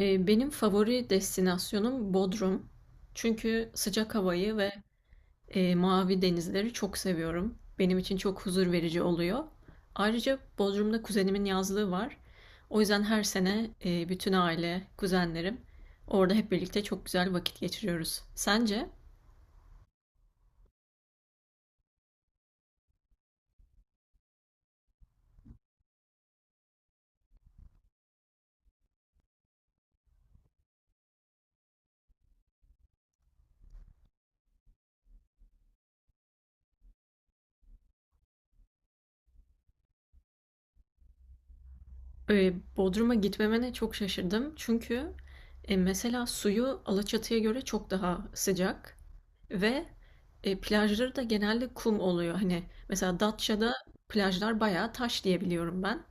Benim favori destinasyonum Bodrum. Çünkü sıcak havayı ve mavi denizleri çok seviyorum. Benim için çok huzur verici oluyor. Ayrıca Bodrum'da kuzenimin yazlığı var. O yüzden her sene bütün aile, kuzenlerim orada hep birlikte çok güzel vakit geçiriyoruz. Sence? Bodrum'a gitmemene çok şaşırdım. Çünkü mesela suyu Alaçatı'ya göre çok daha sıcak. Ve plajları da genelde kum oluyor. Hani mesela Datça'da plajlar bayağı taş diye biliyorum ben.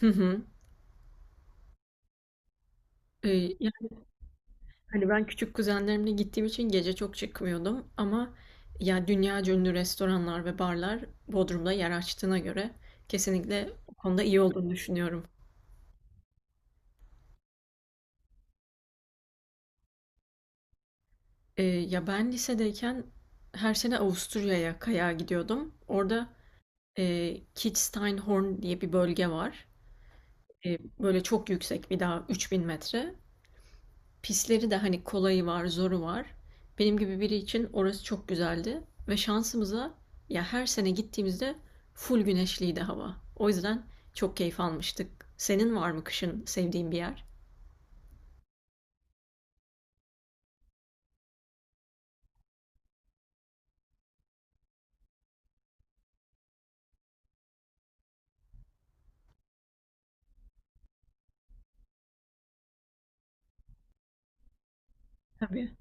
Hı hı. E, Yani hani ben küçük kuzenlerimle gittiğim için gece çok çıkmıyordum ama ya dünya ünlü restoranlar ve barlar Bodrum'da yer açtığına göre kesinlikle o konuda iyi olduğunu düşünüyorum. Ya ben lisedeyken her sene Avusturya'ya kayağa gidiyordum. Orada Kitzsteinhorn diye bir bölge var. Böyle çok yüksek bir dağ, 3.000 metre. Pisleri de hani kolayı var, zoru var. Benim gibi biri için orası çok güzeldi ve şansımıza ya her sene gittiğimizde full güneşliydi hava. O yüzden çok keyif almıştık. Senin var mı kışın sevdiğin bir yer? Tabii.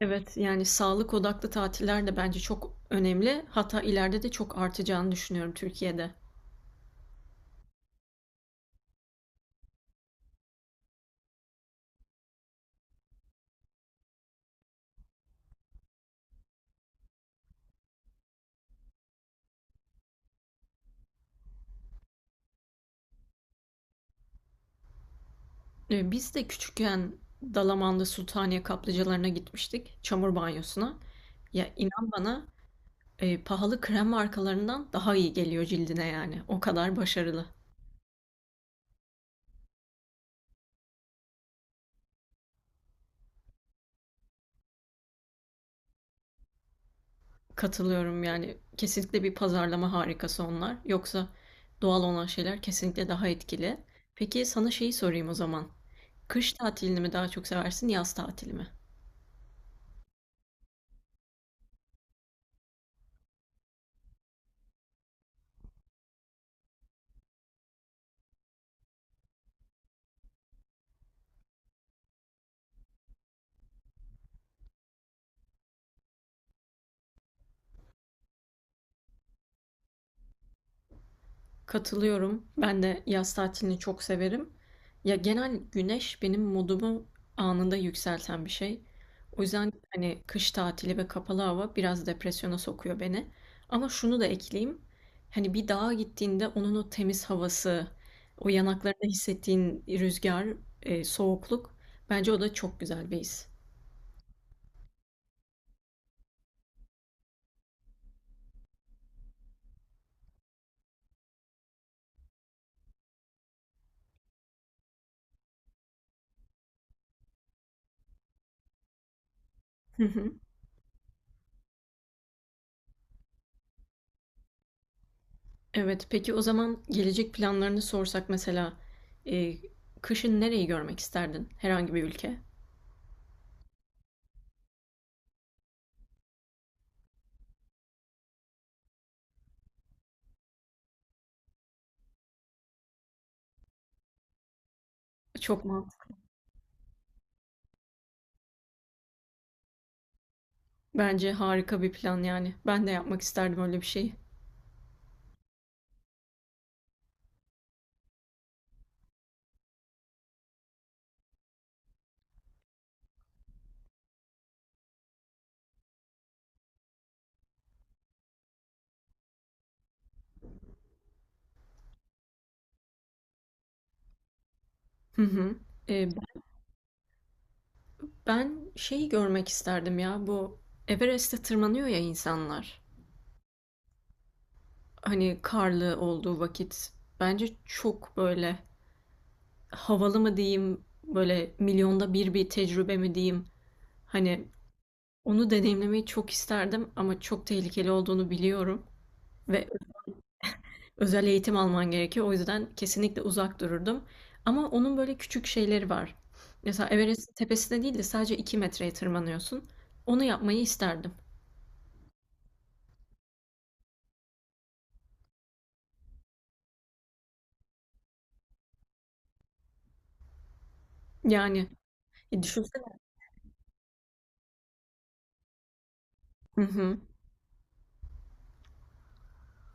Evet, yani sağlık odaklı tatiller de bence çok önemli. Hatta ileride de çok artacağını düşünüyorum Türkiye'de. Biz de küçükken Dalaman'da Sultaniye kaplıcalarına gitmiştik. Çamur banyosuna. Ya inan bana pahalı krem markalarından daha iyi geliyor cildine yani. O kadar başarılı. Katılıyorum yani. Kesinlikle bir pazarlama harikası onlar. Yoksa doğal olan şeyler kesinlikle daha etkili. Peki sana şeyi sorayım o zaman. Kış tatilini mi daha çok seversin, yaz tatilini mi? Katılıyorum. Ben de yaz tatilini çok severim. Ya genel güneş benim modumu anında yükselten bir şey. O yüzden hani kış tatili ve kapalı hava biraz depresyona sokuyor beni. Ama şunu da ekleyeyim. Hani bir dağa gittiğinde onun o temiz havası, o yanaklarında hissettiğin rüzgar, soğukluk, bence o da çok güzel bir his. Hı hı. Evet, peki o zaman gelecek planlarını sorsak mesela e, kışın nereyi görmek isterdin? Herhangi bir ülke? Çok mantıklı. Bence harika bir plan yani. Ben de yapmak isterdim öyle bir şeyi. Hı hı. Ee, ben şeyi görmek isterdim ya. Bu Everest'e tırmanıyor ya insanlar. Hani karlı olduğu vakit. Bence çok böyle havalı mı diyeyim, böyle milyonda bir bir tecrübe mi diyeyim. Hani onu deneyimlemeyi çok isterdim ama çok tehlikeli olduğunu biliyorum. Ve özel eğitim alman gerekiyor. O yüzden kesinlikle uzak dururdum. Ama onun böyle küçük şeyleri var. Mesela Everest'in tepesine değil de sadece 2 metreye tırmanıyorsun. Onu yapmayı isterdim. Yani düşünsene. Hı hı,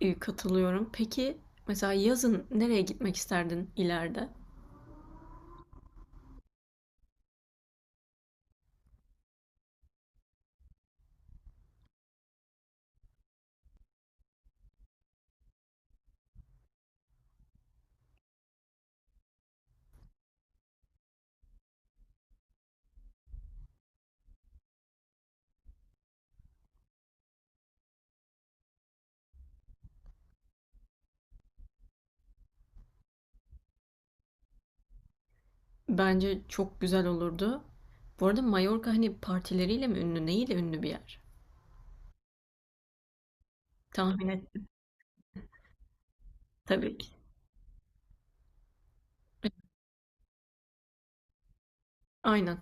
Katılıyorum. Peki mesela yazın nereye gitmek isterdin ileride? Bence çok güzel olurdu. Bu arada Mallorca hani partileriyle mi ünlü, neyle ünlü bir yer? Tahmin ettim tabii ki. Aynen.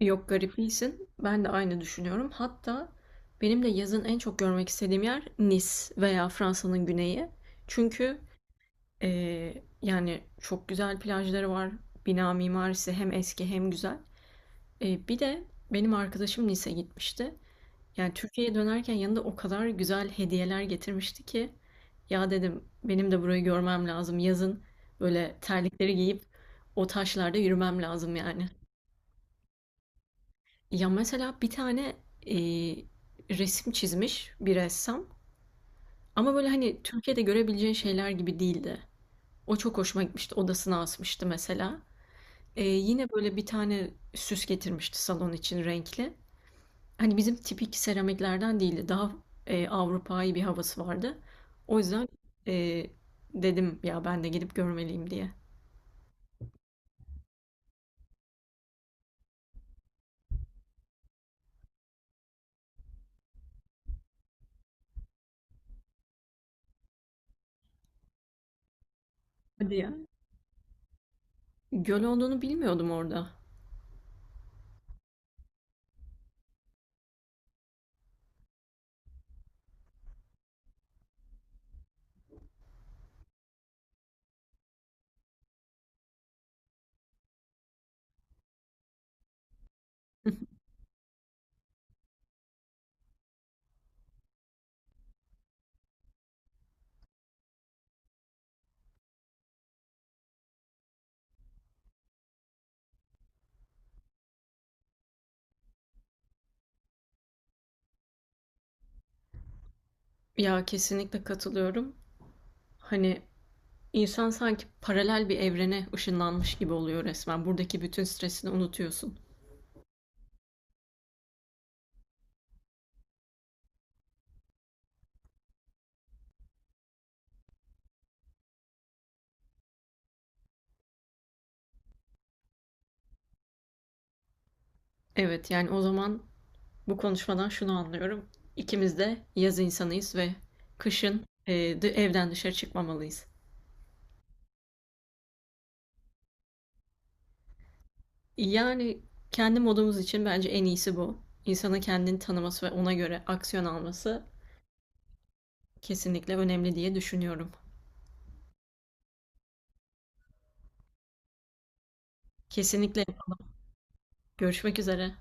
Yok garip değilsin. Ben de aynı düşünüyorum. Hatta benim de yazın en çok görmek istediğim yer Nice veya Fransa'nın güneyi. Çünkü yani çok güzel plajları var. Bina mimarisi hem eski hem güzel. Bir de benim arkadaşım Nice'e gitmişti. Yani Türkiye'ye dönerken yanında o kadar güzel hediyeler getirmişti ki ya dedim benim de burayı görmem lazım. Yazın böyle terlikleri giyip o taşlarda yürümem lazım yani. Ya mesela bir tane e, resim çizmiş bir ressam ama böyle hani Türkiye'de görebileceğin şeyler gibi değildi. O çok hoşuma gitmişti. Odasına asmıştı mesela. Yine böyle bir tane süs getirmişti salon için renkli. Hani bizim tipik seramiklerden değildi. Daha Avrupa'yı bir havası vardı. O yüzden e, dedim ya ben de gidip görmeliyim diye. Hadi ya. Göl olduğunu bilmiyordum orada. Ya kesinlikle katılıyorum. Hani İnsan sanki paralel bir evrene ışınlanmış gibi oluyor resmen. Buradaki bütün stresini unutuyorsun. Evet, yani o zaman bu konuşmadan şunu anlıyorum. İkimiz de yaz insanıyız ve kışın evden dışarı çıkmamalıyız. Yani kendi modumuz için bence en iyisi bu. İnsanın kendini tanıması ve ona göre aksiyon alması kesinlikle önemli diye düşünüyorum. Kesinlikle. Görüşmek üzere.